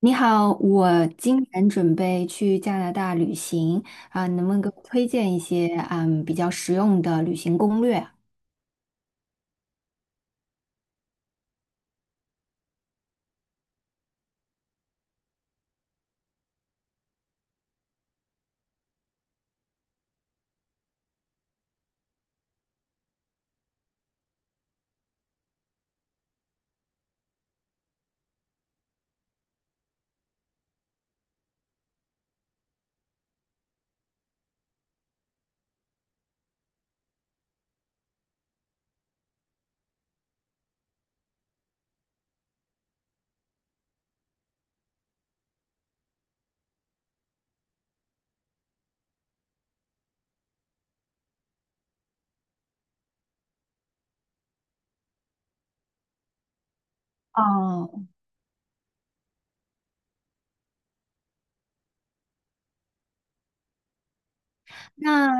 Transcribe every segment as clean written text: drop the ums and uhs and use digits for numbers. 你好，我今年准备去加拿大旅行。能不能给我推荐一些比较实用的旅行攻略？哦，那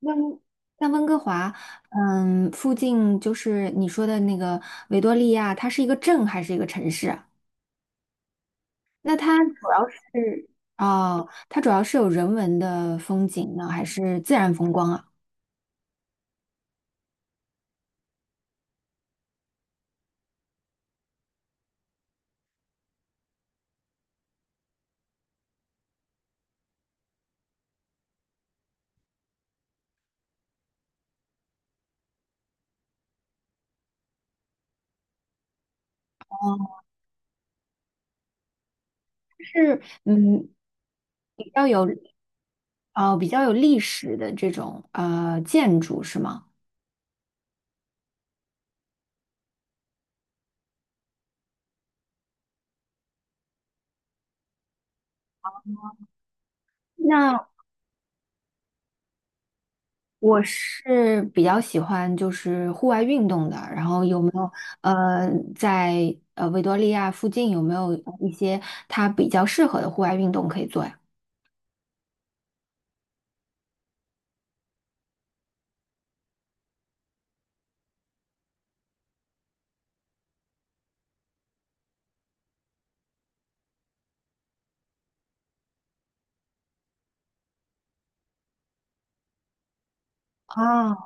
温那温哥华，嗯，附近就是你说的那个维多利亚，它是一个镇还是一个城市啊？那它主要是哦，它主要是有人文的风景呢，还是自然风光啊？哦，是嗯比较有哦比较有历史的这种建筑是吗？那我是比较喜欢就是户外运动的，然后有没有呃在呃维多利亚附近有没有一些它比较适合的户外运动可以做呀？哦，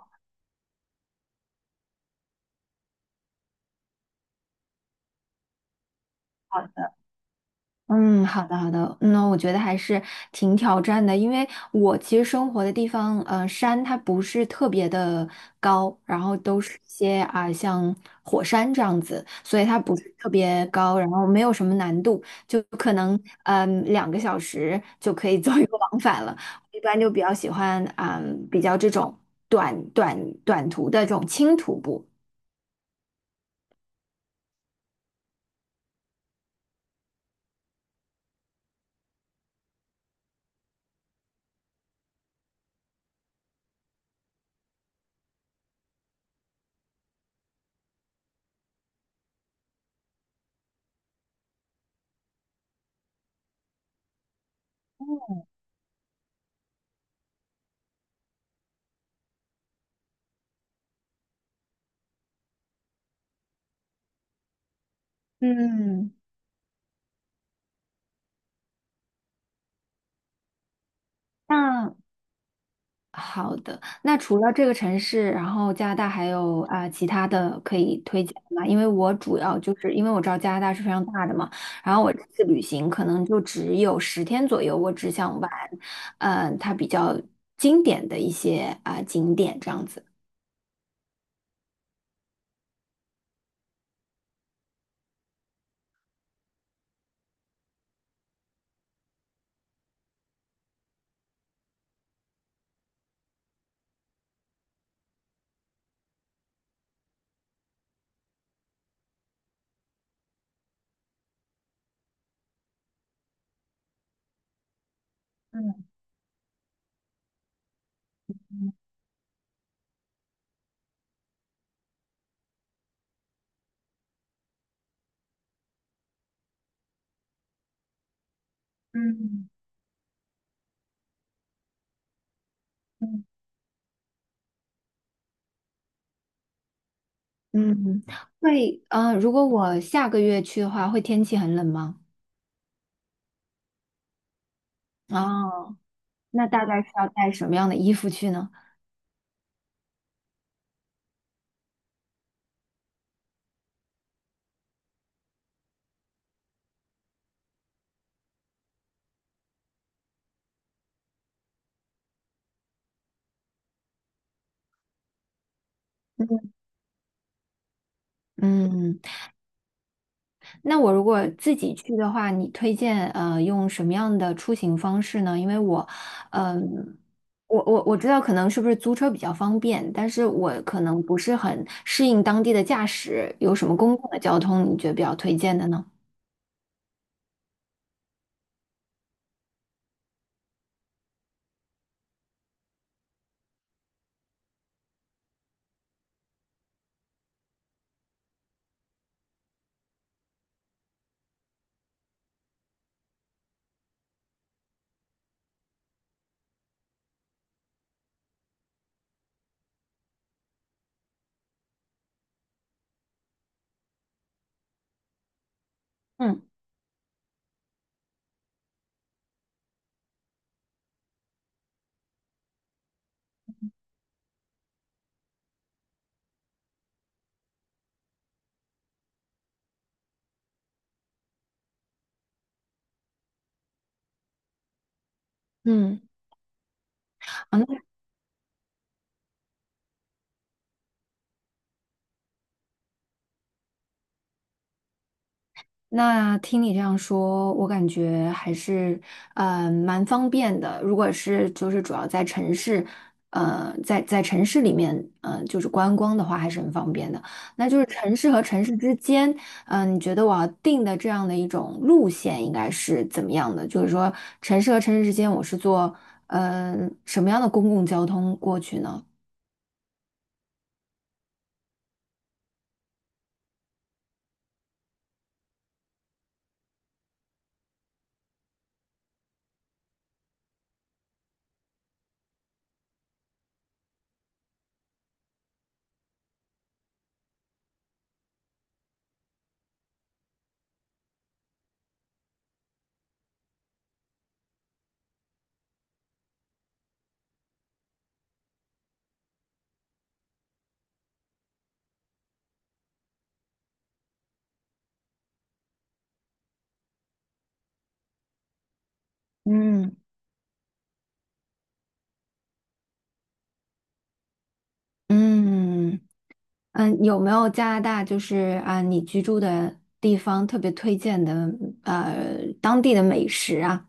好的。嗯，好的，那我觉得还是挺挑战的，因为我其实生活的地方，山它不是特别的高，然后都是一些像火山这样子，所以它不是特别高，然后没有什么难度，就可能两个小时就可以做一个往返了。我一般就比较喜欢比较这种短短短途的这种轻徒步。嗯，那。好的，那除了这个城市，然后加拿大还有其他的可以推荐的吗？因为我主要就是因为我知道加拿大是非常大的嘛，然后我这次旅行可能就只有十天左右，我只想玩，嗯，它比较经典的一些景点这样子。嗯，会，如果我下个月去的话，会天气很冷吗？哦，那大概是要带什么样的衣服去呢？嗯嗯。那我如果自己去的话，你推荐用什么样的出行方式呢？因为我，嗯、我知道可能是不是租车比较方便，但是我可能不是很适应当地的驾驶，有什么公共的交通你觉得比较推荐的呢？嗯嗯。好那。那听你这样说，我感觉还是蛮方便的。如果是就是主要在城市，呃，在城市里面，嗯，就是观光的话，还是很方便的。那就是城市和城市之间，你觉得我要定的这样的一种路线应该是怎么样的？就是说，城市和城市之间，我是坐什么样的公共交通过去呢？嗯。嗯。嗯，有没有加拿大就是啊，你居住的地方特别推荐的当地的美食啊？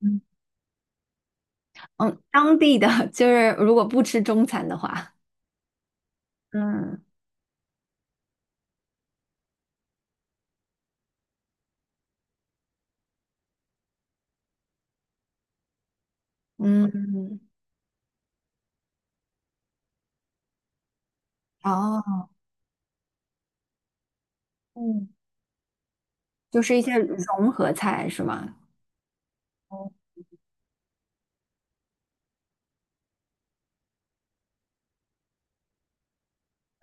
嗯嗯，当地的 就是如果不吃中餐的话，嗯嗯，哦，嗯就是一些融合菜是吗？哦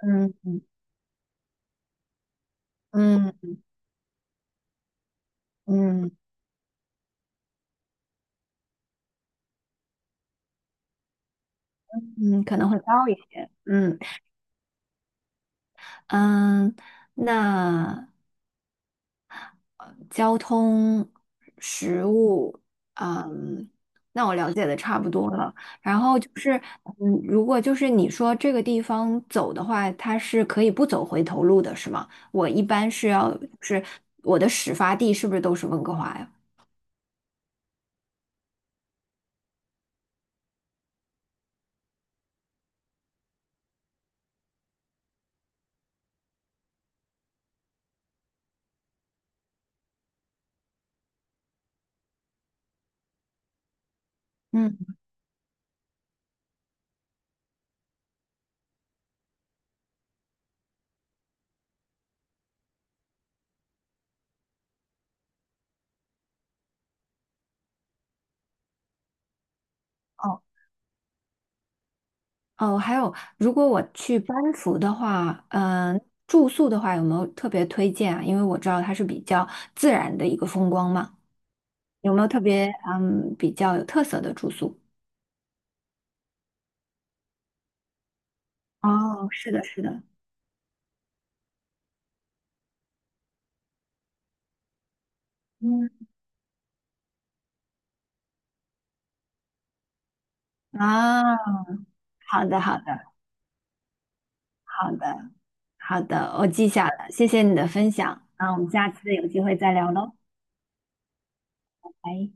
嗯嗯嗯嗯嗯，可能会高一些。嗯嗯，那。交通、食物，嗯，那我了解的差不多了。然后就是，嗯，如果就是你说这个地方走的话，它是可以不走回头路的，是吗？我一般是要，是我的始发地是不是都是温哥华呀？嗯，哦哦，还有，如果我去班夫的话，住宿的话有没有特别推荐啊？因为我知道它是比较自然的一个风光嘛，有没有特别比较有特色的住宿？哦，是的，是的，嗯，啊，好的，好的，好的，好的，我记下了，谢谢你的分享，那我们下次有机会再聊喽，拜。